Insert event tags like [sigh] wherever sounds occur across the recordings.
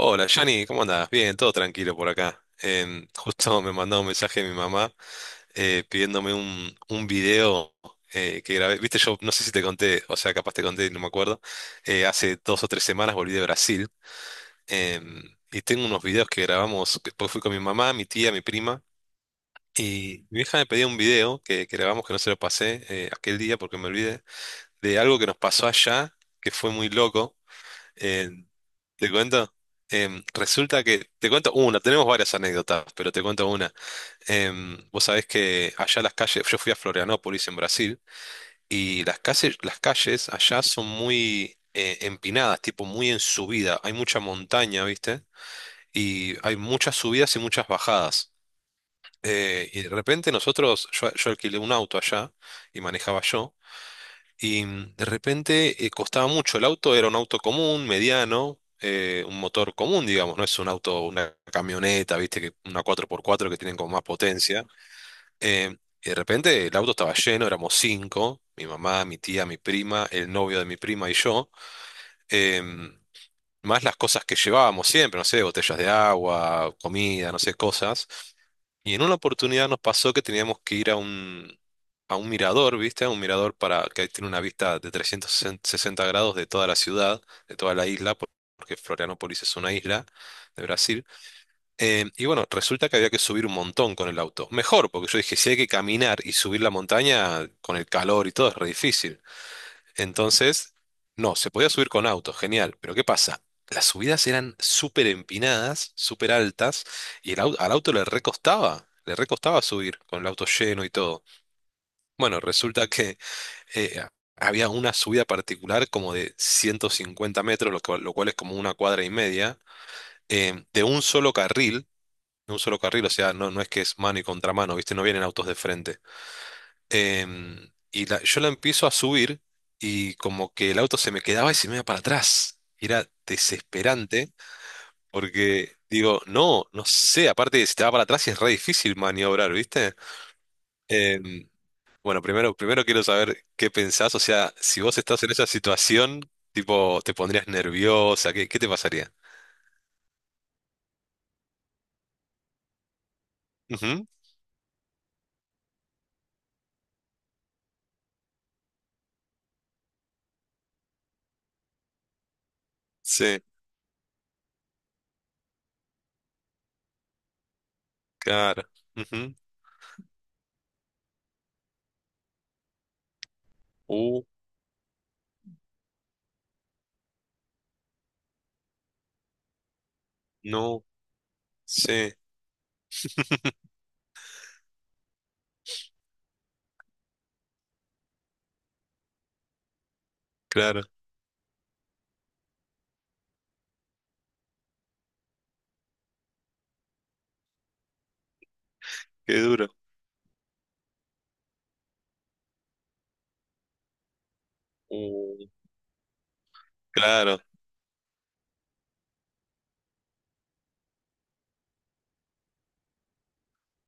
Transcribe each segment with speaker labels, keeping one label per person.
Speaker 1: Hola, Johnny, ¿cómo andás? Bien, todo tranquilo por acá. Justo me mandó un mensaje mi mamá pidiéndome un video que grabé. Viste, yo no sé si te conté, o sea, capaz te conté, no me acuerdo. Hace 2 o 3 semanas volví de Brasil em, y tengo unos videos que grabamos, porque fui con mi mamá, mi tía, mi prima. Y mi hija me pedía un video que grabamos que no se lo pasé aquel día porque me olvidé, de algo que nos pasó allá, que fue muy loco. Eh, ¿Te cuento? Resulta que, te cuento una, tenemos varias anécdotas, pero te cuento una. Vos sabés que allá las calles, yo fui a Florianópolis en Brasil, y las calles allá son muy empinadas, tipo muy en subida, hay mucha montaña, ¿viste? Y hay muchas subidas y muchas bajadas. Y de repente nosotros, yo alquilé un auto allá y manejaba yo. Y de repente costaba mucho. El auto era un auto común, mediano, un motor común, digamos, no es un auto, una camioneta, viste, que una cuatro por cuatro que tienen con más potencia. Eh, y de repente el auto estaba lleno, éramos cinco, mi mamá, mi tía, mi prima, el novio de mi prima y yo. Em, más las cosas que llevábamos siempre, no sé, botellas de agua, comida, no sé, cosas. Y en una oportunidad nos pasó que teníamos que ir a a un mirador, ¿viste? A un mirador para, que tiene una vista de 360 grados de toda la ciudad, de toda la isla, porque Florianópolis es una isla de Brasil. Y bueno, resulta que había que subir un montón con el auto. Mejor, porque yo dije, si hay que caminar y subir la montaña con el calor y todo, es re difícil. Entonces, no, se podía subir con auto, genial, pero ¿qué pasa? Las subidas eran súper empinadas, súper altas, y el al auto le recostaba subir, con el auto lleno y todo. Bueno, resulta que eh, había una subida particular como de 150 metros, lo cual es como una cuadra y media, de un solo carril, de un solo carril, o sea, no, no es que es mano y contramano, ¿viste? No vienen autos de frente. Y yo la empiezo a subir y como que el auto se me quedaba y se me iba para atrás. Era desesperante porque digo, no, no sé, aparte de si te va para atrás es re difícil maniobrar, ¿viste? Em, bueno, primero quiero saber qué pensás, o sea, si vos estás en esa situación, tipo, ¿te pondrías nerviosa? ¿Qué, qué te pasaría? Ujú. Sí, claro. Ujú. Uh, no, sí, claro, qué duro. Uh, claro,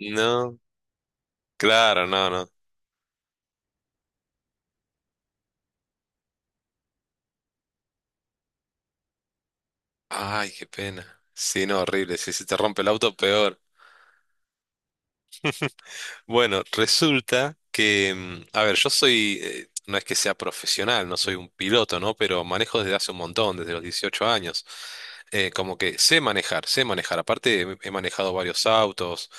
Speaker 1: no. Claro, no, no. Ay, qué pena. Sí, no, horrible. Si se te rompe el auto, peor. Bueno, resulta que, a ver, yo soy, no es que sea profesional, no soy un piloto, ¿no? Pero manejo desde hace un montón, desde los 18 años. Como que sé manejar, sé manejar. Aparte, he manejado varios autos.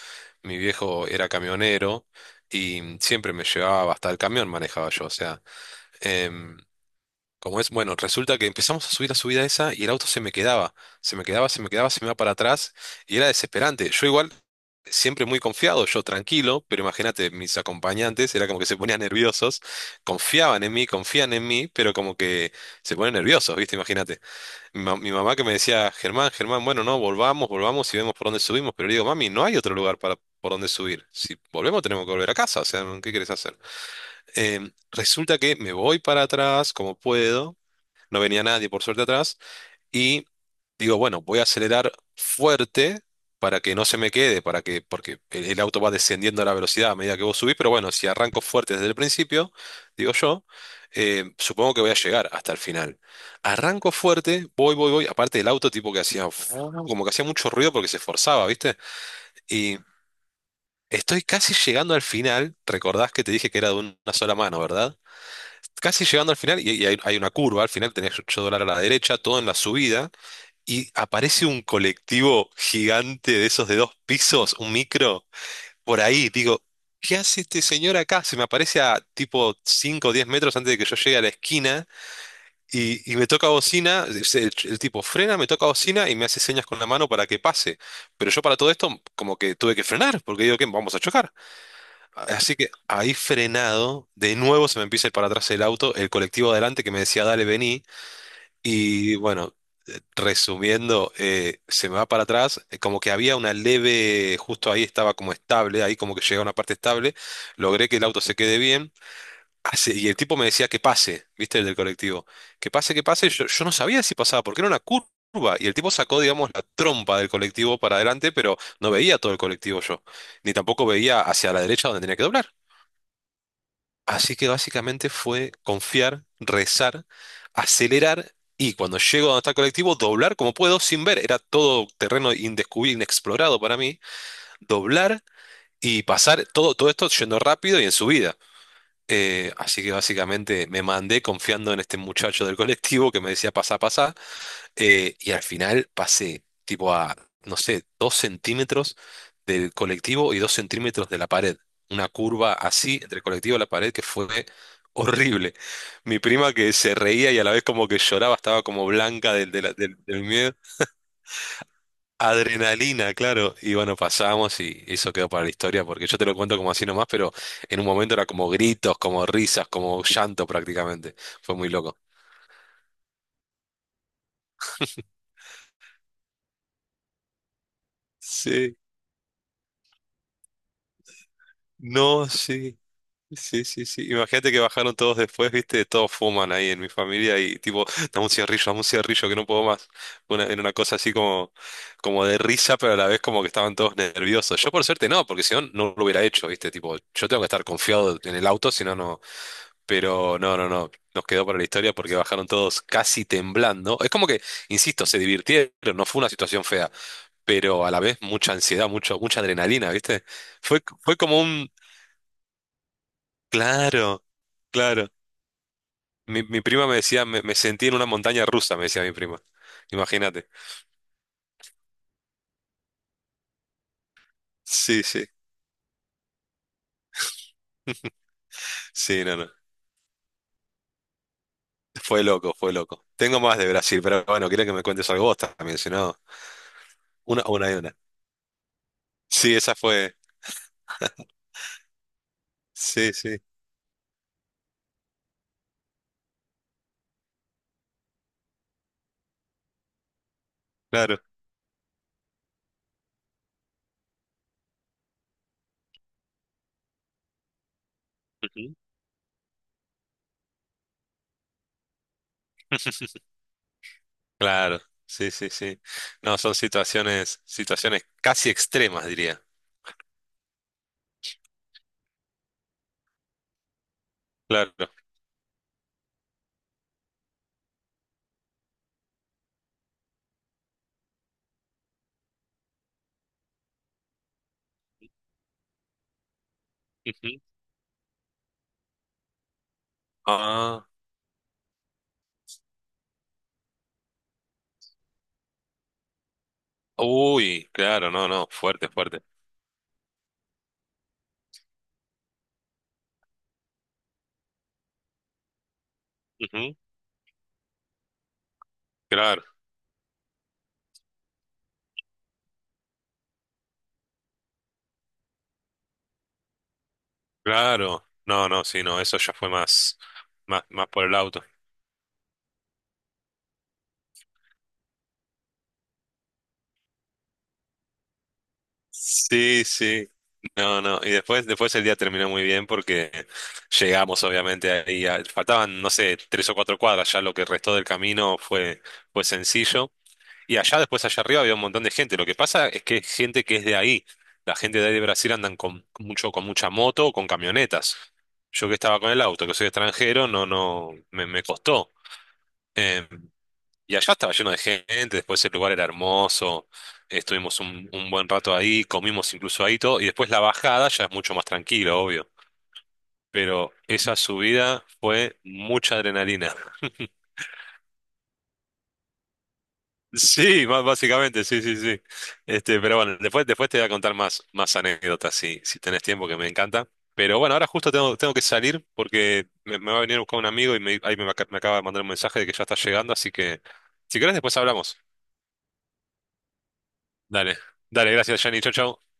Speaker 1: Mi viejo era camionero y siempre me llevaba hasta el camión, manejaba yo. O sea, em, como es, bueno, resulta que empezamos a subir la subida esa y el auto se me quedaba, se me quedaba, se me quedaba, se me iba para atrás y era desesperante. Yo igual, siempre muy confiado, yo tranquilo, pero imagínate, mis acompañantes era como que se ponían nerviosos, confiaban en mí, confían en mí, pero como que se ponen nerviosos, ¿viste? Imagínate. Mi mamá que me decía, Germán, Germán, bueno, no, volvamos, volvamos y vemos por dónde subimos, pero le digo, mami, no hay otro lugar para... por dónde subir. Si volvemos tenemos que volver a casa, o sea, ¿qué querés hacer? Resulta que me voy para atrás como puedo, no venía nadie por suerte atrás, y digo, bueno, voy a acelerar fuerte para que no se me quede, para que, porque el auto va descendiendo la velocidad a medida que vos subís, pero bueno, si arranco fuerte desde el principio, digo yo, supongo que voy a llegar hasta el final. Arranco fuerte, voy, voy, voy, aparte el auto tipo que hacía, [tsk] como que hacía mucho ruido porque se esforzaba, ¿viste? Y estoy casi llegando al final, recordás que te dije que era de una sola mano, ¿verdad? Casi llegando al final, y hay una curva, al final tenés $8 a la derecha, todo en la subida, y aparece un colectivo gigante de esos de dos pisos, un micro, por ahí. Digo, ¿qué hace este señor acá? Se me aparece a tipo cinco o 10 metros antes de que yo llegue a la esquina, y me toca bocina, el tipo frena, me toca bocina y me hace señas con la mano para que pase. Pero yo para todo esto, como que tuve que frenar, porque digo, ¿qué? Vamos a chocar. Así que ahí frenado, de nuevo se me empieza a ir para atrás el auto, el colectivo adelante que me decía, dale, vení. Y bueno, resumiendo, se me va para atrás, como que había una leve, justo ahí estaba como estable, ahí como que llegué a una parte estable, logré que el auto se quede bien. Y el tipo me decía que pase, ¿viste? El del colectivo. Que pase, que pase. Yo no sabía si pasaba, porque era una curva. Y el tipo sacó, digamos, la trompa del colectivo para adelante, pero no veía todo el colectivo yo. Ni tampoco veía hacia la derecha donde tenía que doblar. Así que básicamente fue confiar, rezar, acelerar y cuando llego a donde está el colectivo, doblar como puedo sin ver. Era todo terreno indescubierto, inexplorado para mí. Doblar y pasar todo, todo esto yendo rápido y en subida. Así que básicamente me mandé confiando en este muchacho del colectivo que me decía pasá, pasá. Y al final pasé tipo a, no sé, 2 centímetros del colectivo y 2 centímetros de la pared. Una curva así entre el colectivo y la pared que fue horrible. Mi prima que se reía y a la vez como que lloraba, estaba como blanca del, de la- del- del miedo. Adrenalina, claro. Y bueno, pasamos y eso quedó para la historia porque yo te lo cuento como así nomás, pero en un momento era como gritos, como risas, como llanto prácticamente. Fue muy loco. Sí, no, sí. Sí, sí, sí. Imagínate que bajaron todos después, viste, todos fuman ahí en mi familia y tipo, dame un cigarrillo que no puedo más. Una, en una cosa así como, como de risa, pero a la vez como que estaban todos nerviosos. Yo por suerte no, porque si no, no lo hubiera hecho, viste, tipo, yo tengo que estar confiado en el auto, si no, no. Pero no, no, no. Nos quedó para la historia porque bajaron todos casi temblando. Es como que, insisto, se divirtieron, no fue una situación fea, pero a la vez mucha ansiedad, mucha adrenalina, viste. Fue como un, claro. Claro. Mi prima me decía, me sentí en una montaña rusa, me decía mi prima. Imagínate. Sí, sí, sí, no, no. Fue loco, fue loco. Tengo más de Brasil, pero bueno, quiero que me cuentes algo vos también, si no, una y una. Sí, esa fue. Sí, sí, claro. Ujú. [laughs] Claro, sí, sí, sí. No, son situaciones, situaciones casi extremas, diría. Claro. Ujú. Ah, uy, claro, no, no, fuerte, fuerte. Ujú. Claro, claro. No, no, sí, no, eso ya fue más, más, más por el auto. Sí, sí. No, no. Y después, después el día terminó muy bien porque llegamos, obviamente, ahí. Faltaban, no sé, 3 o 4 cuadras. Ya lo que restó del camino fue, fue sencillo. Y allá, después, allá arriba había un montón de gente. Lo que pasa es que es gente que es de ahí. La gente de ahí de Brasil andan con mucho, con mucha moto o con camionetas. Yo que estaba con el auto, que soy extranjero, no, no, me costó. Eh, y allá estaba lleno de gente, después el lugar era hermoso, estuvimos un buen rato ahí, comimos incluso ahí todo, y después la bajada ya es mucho más tranquilo, obvio. Pero esa subida fue mucha adrenalina. [laughs] Sí, básicamente, sí, sí, sí. Este, pero bueno, después, después te voy a contar más, más anécdotas si, si tenés tiempo, que me encanta. Pero bueno, ahora justo tengo, tengo que salir porque me va a venir a buscar un amigo y me, me acaba de mandar un mensaje de que ya está llegando, así que si querés después hablamos. Dale, dale, gracias, Jani, chau, chau.